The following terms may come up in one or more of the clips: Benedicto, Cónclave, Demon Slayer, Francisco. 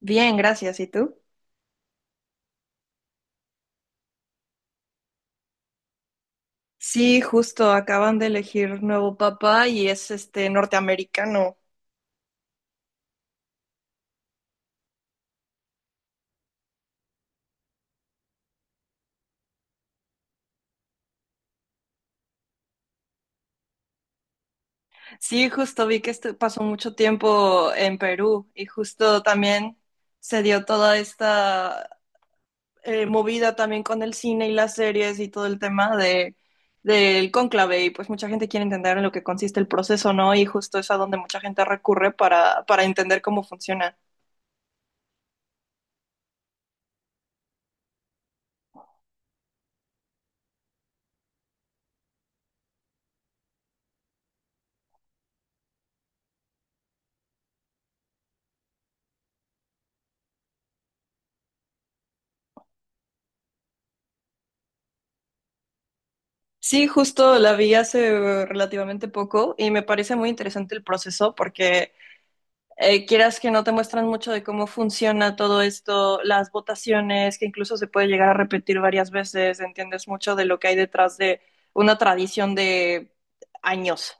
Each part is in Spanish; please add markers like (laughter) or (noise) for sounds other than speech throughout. Bien, gracias. ¿Y tú? Sí, justo acaban de elegir nuevo papa y es este norteamericano. Sí, justo vi que pasó mucho tiempo en Perú y justo también se dio toda esta movida también con el cine y las series y todo el tema de del cónclave y pues mucha gente quiere entender en lo que consiste el proceso, ¿no? Y justo es a donde mucha gente recurre para entender cómo funciona. Sí, justo la vi hace relativamente poco y me parece muy interesante el proceso porque quieras que no te muestran mucho de cómo funciona todo esto, las votaciones, que incluso se puede llegar a repetir varias veces, entiendes mucho de lo que hay detrás de una tradición de años.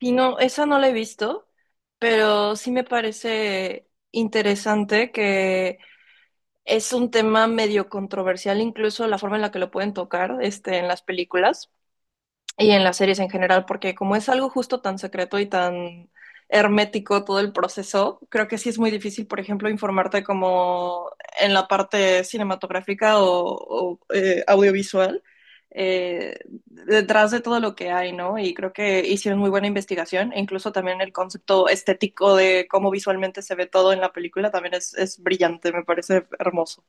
Y no, esa no la he visto, pero sí me parece interesante que es un tema medio controversial, incluso la forma en la que lo pueden tocar este, en las películas y en las series en general, porque como es algo justo tan secreto y tan hermético todo el proceso, creo que sí es muy difícil, por ejemplo, informarte como en la parte cinematográfica o audiovisual. eh, Detrás de todo lo que hay, ¿no? Y creo que hicieron muy buena investigación, e incluso también el concepto estético de cómo visualmente se ve todo en la película también es brillante, me parece hermoso.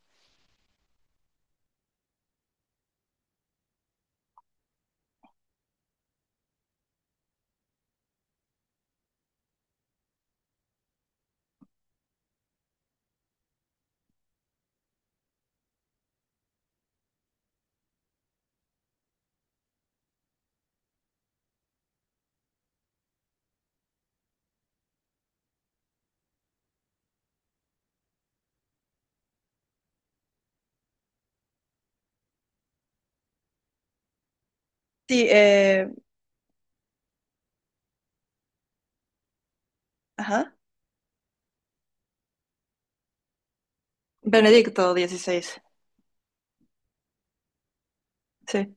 Sí, ajá. Benedicto XVI. Sí.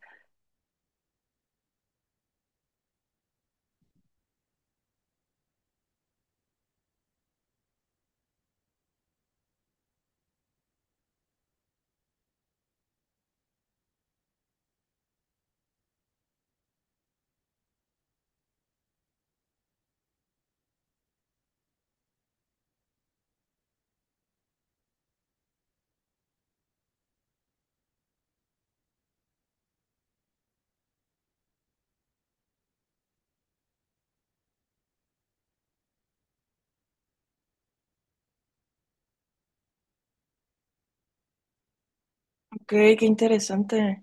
Ok, qué interesante.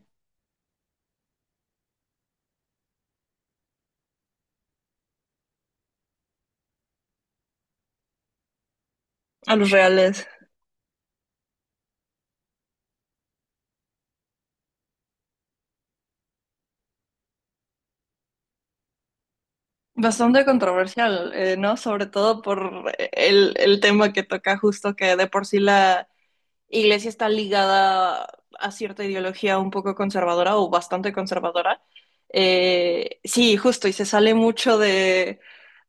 A los reales. Bastante controversial, ¿no? Sobre todo por el tema que toca justo que de por sí la iglesia está ligada a cierta ideología un poco conservadora o bastante conservadora. Sí, justo, y se sale mucho de,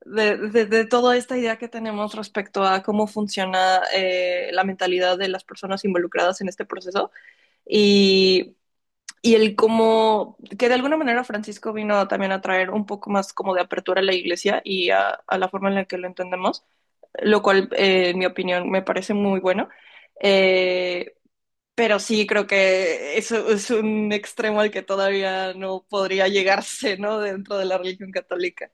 de, de- de toda esta idea que tenemos respecto a cómo funciona la mentalidad de las personas involucradas en este proceso. Y y el como que de alguna manera Francisco vino también a traer un poco más como de apertura a la iglesia y a la forma en la que lo entendemos, lo cual en mi opinión me parece muy bueno. Eh, pero sí creo que eso es un extremo al que todavía no podría llegarse, ¿no? Dentro de la religión católica.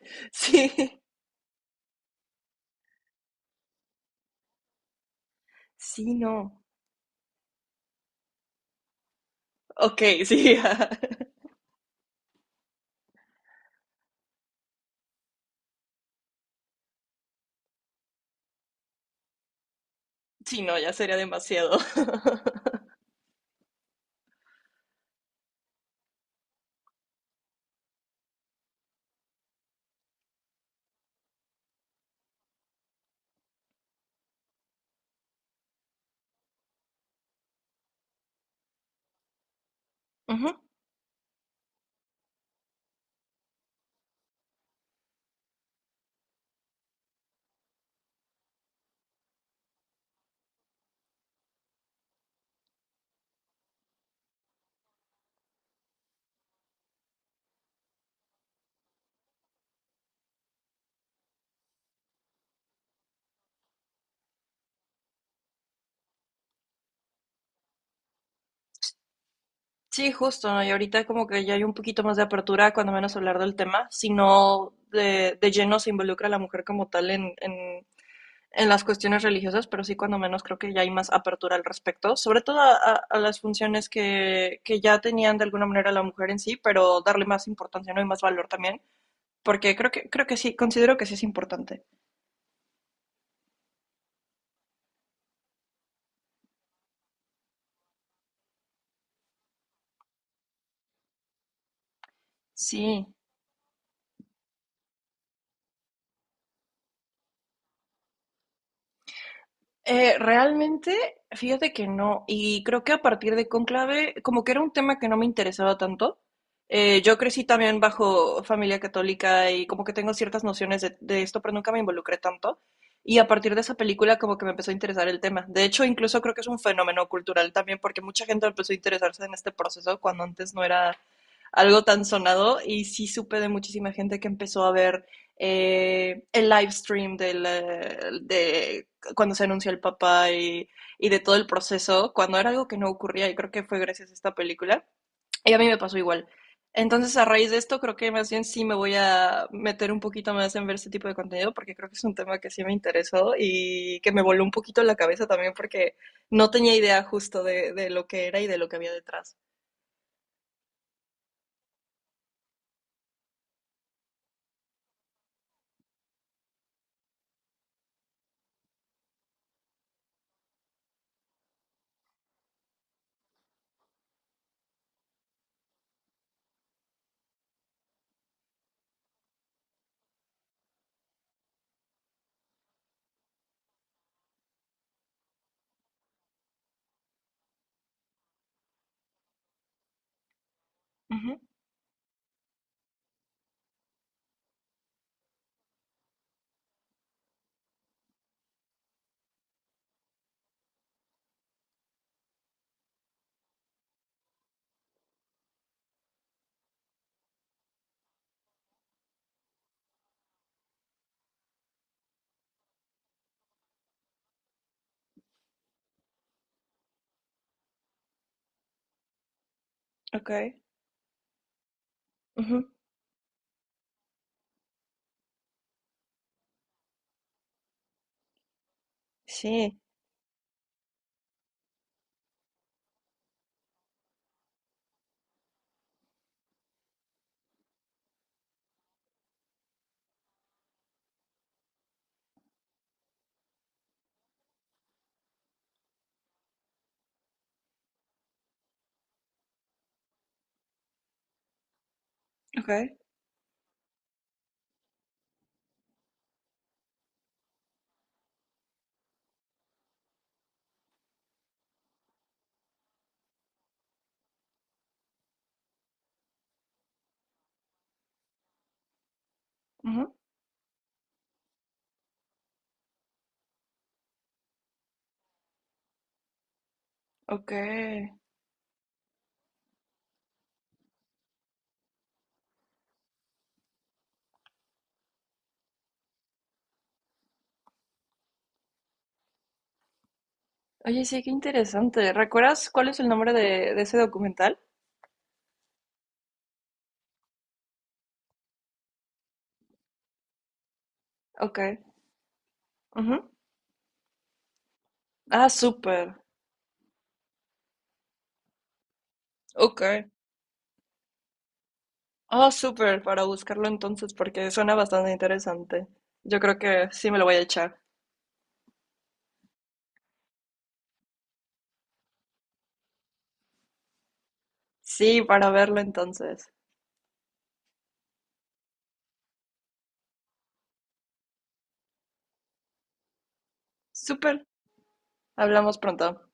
(laughs) Sí, sí, no. Ok, sí, (laughs) sí, no, ya sería demasiado. Uh -huh. Sí, justo, ¿no? Y ahorita como que ya hay un poquito más de apertura, cuando menos hablar del tema, sino de lleno se involucra la mujer como tal en las cuestiones religiosas, pero sí cuando menos creo que ya hay más apertura al respecto, sobre todo a, a las funciones que ya tenían de alguna manera la mujer en sí, pero darle más importancia, ¿no? Y más valor también, porque creo que sí, considero que sí es importante. Sí. Realmente, fíjate que no. Y creo que a partir de Cónclave, como que era un tema que no me interesaba tanto. Yo crecí también bajo familia católica y como que tengo ciertas nociones de esto, pero nunca me involucré tanto. Y a partir de esa película como que me empezó a interesar el tema. De hecho, incluso creo que es un fenómeno cultural también, porque mucha gente empezó a interesarse en este proceso cuando antes no era algo tan sonado. Y sí supe de muchísima gente que empezó a ver el live stream del, de cuando se anunció el papá y de todo el proceso, cuando era algo que no ocurría y creo que fue gracias a esta película. Y a mí me pasó igual. Entonces, a raíz de esto, creo que más bien sí me voy a meter un poquito más en ver este tipo de contenido, porque creo que es un tema que sí me interesó y que me voló un poquito la cabeza también, porque no tenía idea justo de lo que era y de lo que había detrás. Ujú. Ok, ujú. Sí, ok, ujú, ok. Oye, sí, qué interesante. ¿Recuerdas cuál es el nombre de ese documental? Ok. Ujú. Ah, súper. Ok. Ah, súper, para buscarlo entonces, porque suena bastante interesante. Yo creo que sí me lo voy a echar. Sí, para verlo entonces. Súper. Hablamos pronto.